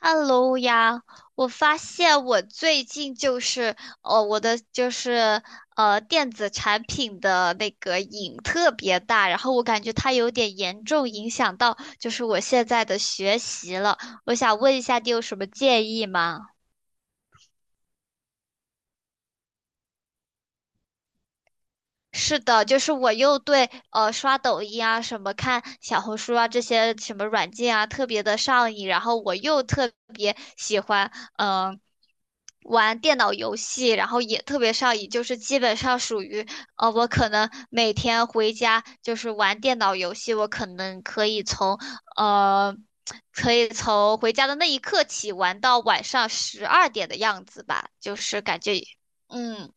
Hello 呀，我发现我最近就是我的就是电子产品的那个瘾特别大，然后我感觉它有点严重影响到就是我现在的学习了。我想问一下，你有什么建议吗？是的，就是我又对刷抖音啊、什么看小红书啊这些什么软件啊特别的上瘾，然后我又特别喜欢嗯、呃玩电脑游戏，然后也特别上瘾，就是基本上属于我可能每天回家就是玩电脑游戏，我可能可以呃可以从回家的那一刻起玩到晚上12点的样子吧，就是感觉，嗯。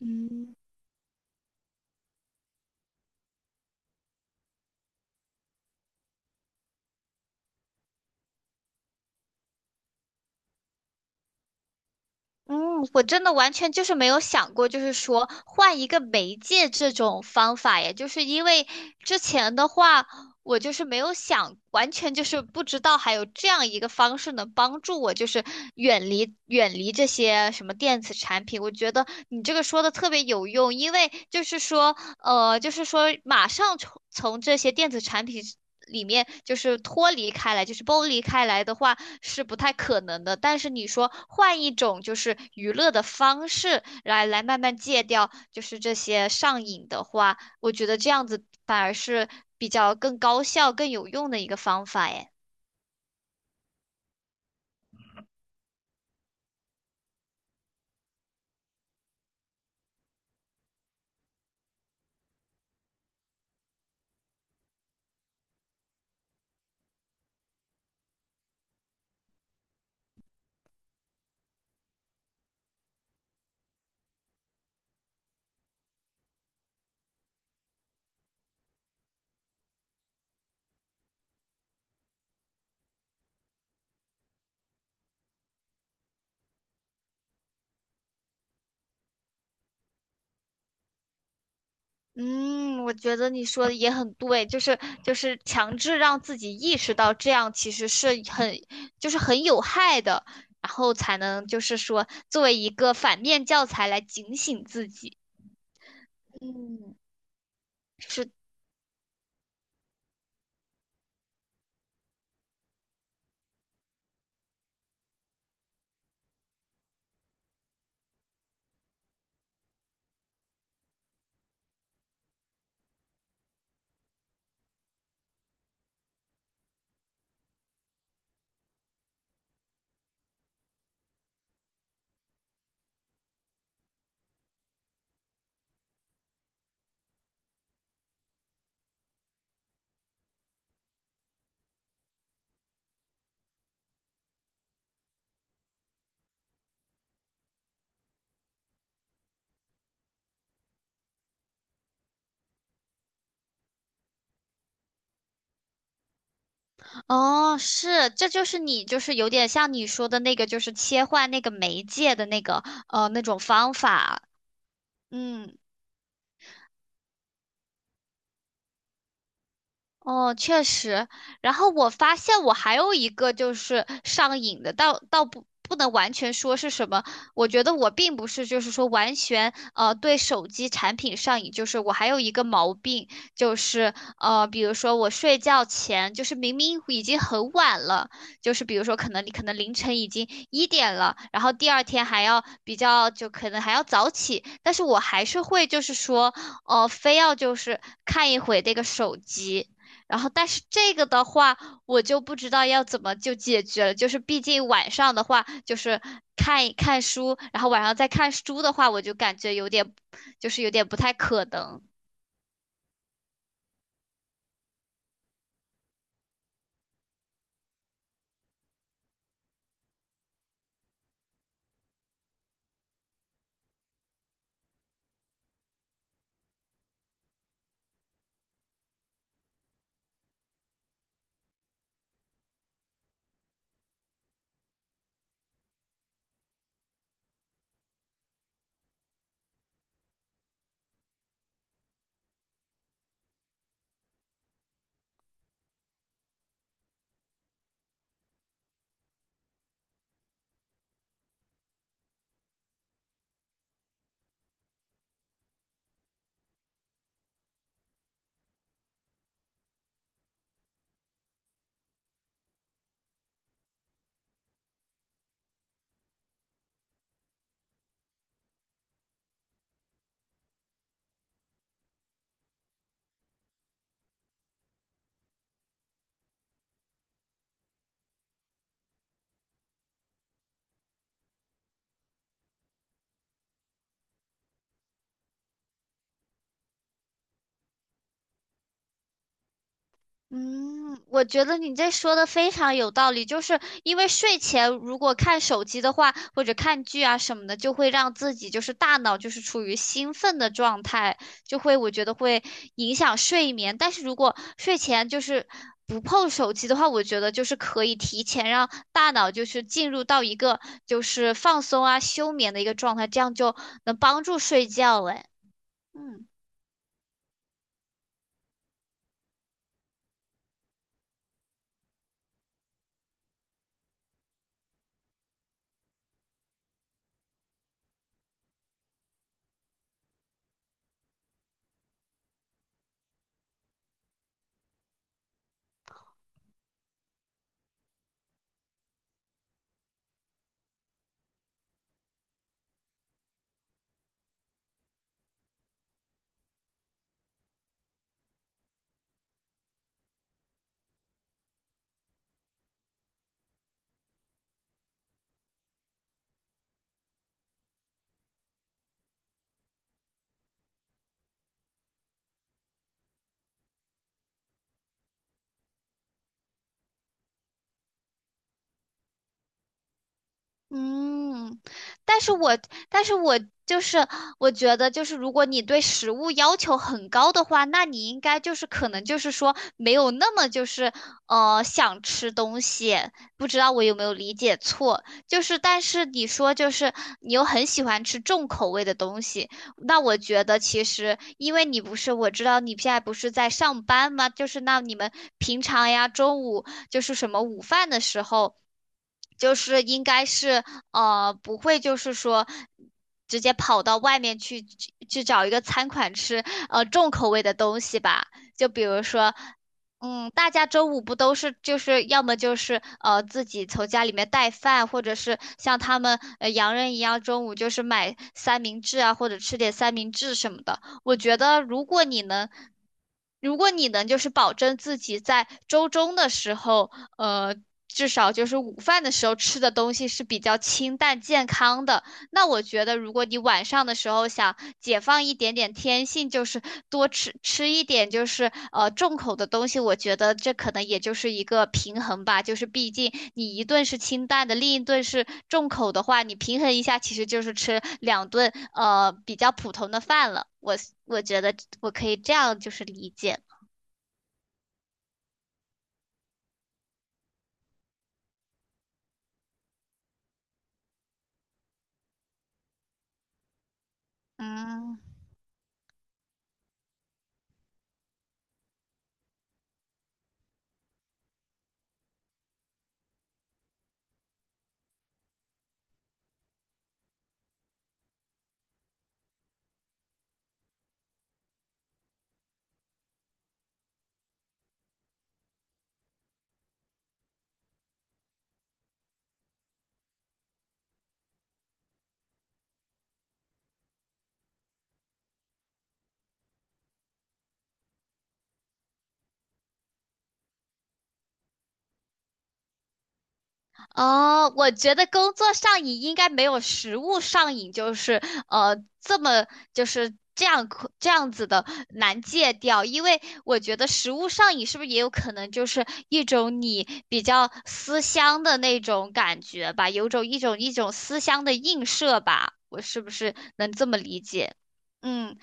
嗯，嗯，我真的完全就是没有想过，就是说换一个媒介这种方法耶，就是因为之前的话，我就是没有想，完全就是不知道还有这样一个方式能帮助我，就是远离这些什么电子产品。我觉得你这个说的特别有用，因为就是说就是说马上从这些电子产品里面就是脱离开来，就是剥离开来的话是不太可能的。但是你说换一种就是娱乐的方式来慢慢戒掉，就是这些上瘾的话，我觉得这样子反而是比较更高效、更有用的一个方法耶。嗯，我觉得你说的也很对，就是强制让自己意识到这样其实是很就是很有害的，然后才能就是说作为一个反面教材来警醒自己。嗯，是。哦，是，这就是你就是有点像你说的那个，就是切换那个媒介的那个那种方法。嗯。哦，确实。然后我发现我还有一个就是上瘾的，倒不能完全说是什么。我觉得我并不是就是说完全对手机产品上瘾，就是我还有一个毛病，就是比如说我睡觉前，就是明明已经很晚了，就是比如说可能你可能凌晨已经一点了，然后第二天还要比较就可能还要早起，但是我还是会就是说非要就是看一会这个手机。然后，但是这个的话，我就不知道要怎么就解决了。就是毕竟晚上的话，就是看一看书，然后晚上再看书的话，我就感觉有点，就是有点不太可能。嗯，我觉得你这说的非常有道理，就是因为睡前如果看手机的话，或者看剧啊什么的，就会让自己就是大脑就是处于兴奋的状态，就会我觉得会影响睡眠。但是如果睡前就是不碰手机的话，我觉得就是可以提前让大脑就是进入到一个就是放松啊休眠的一个状态，这样就能帮助睡觉。哎，嗯。嗯，但是我但是我就是我觉得就是如果你对食物要求很高的话，那你应该就是可能就是说没有那么就是想吃东西，不知道我有没有理解错？就是但是你说就是你又很喜欢吃重口味的东西，那我觉得其实因为你不是我知道你现在不是在上班吗？就是那你们平常呀中午就是什么午饭的时候。就是应该是不会就是说直接跑到外面去找一个餐馆吃重口味的东西吧，就比如说。嗯，大家周五不都是就是要么就是自己从家里面带饭，或者是像他们洋人一样中午就是买三明治啊，或者吃点三明治什么的。我觉得如果你能，如果你能就是保证自己在周中的时候，呃，至少就是午饭的时候吃的东西是比较清淡健康的，那我觉得，如果你晚上的时候想解放一点点天性，就是多吃吃一点，就是重口的东西，我觉得这可能也就是一个平衡吧。就是毕竟你一顿是清淡的，另一顿是重口的话，你平衡一下，其实就是吃2顿比较普通的饭了。我觉得我可以这样就是理解。嗯。哦，我觉得工作上瘾应该没有食物上瘾，就是这么就是这样子的难戒掉，因为我觉得食物上瘾是不是也有可能就是一种你比较思乡的那种感觉吧，有种一种思乡的映射吧，我是不是能这么理解？嗯。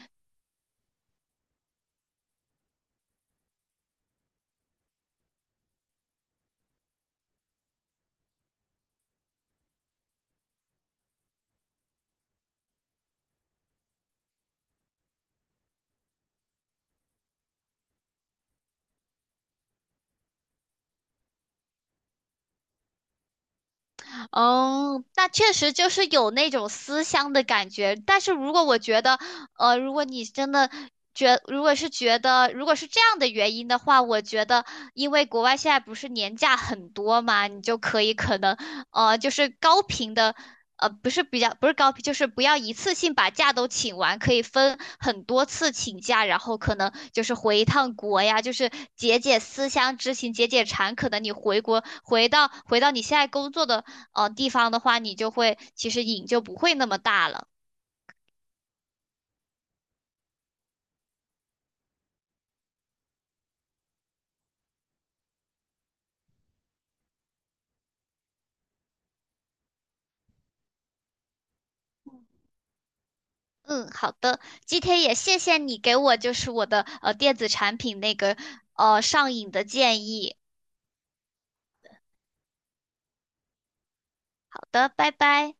哦，那确实就是有那种思乡的感觉。但是如果我觉得，如果你真的觉，如果是觉得，如果是这样的原因的话，我觉得，因为国外现在不是年假很多嘛，你就可以可能，就是高频的，不是比较，不是高频，就是不要一次性把假都请完，可以分很多次请假，然后可能就是回一趟国呀，就是解解思乡之情，解解馋。可能你回国，回到你现在工作的。地方的话，你就会其实瘾就不会那么大了。嗯，好的，今天也谢谢你给我就是我的电子产品那个上瘾的建议。好的，拜拜。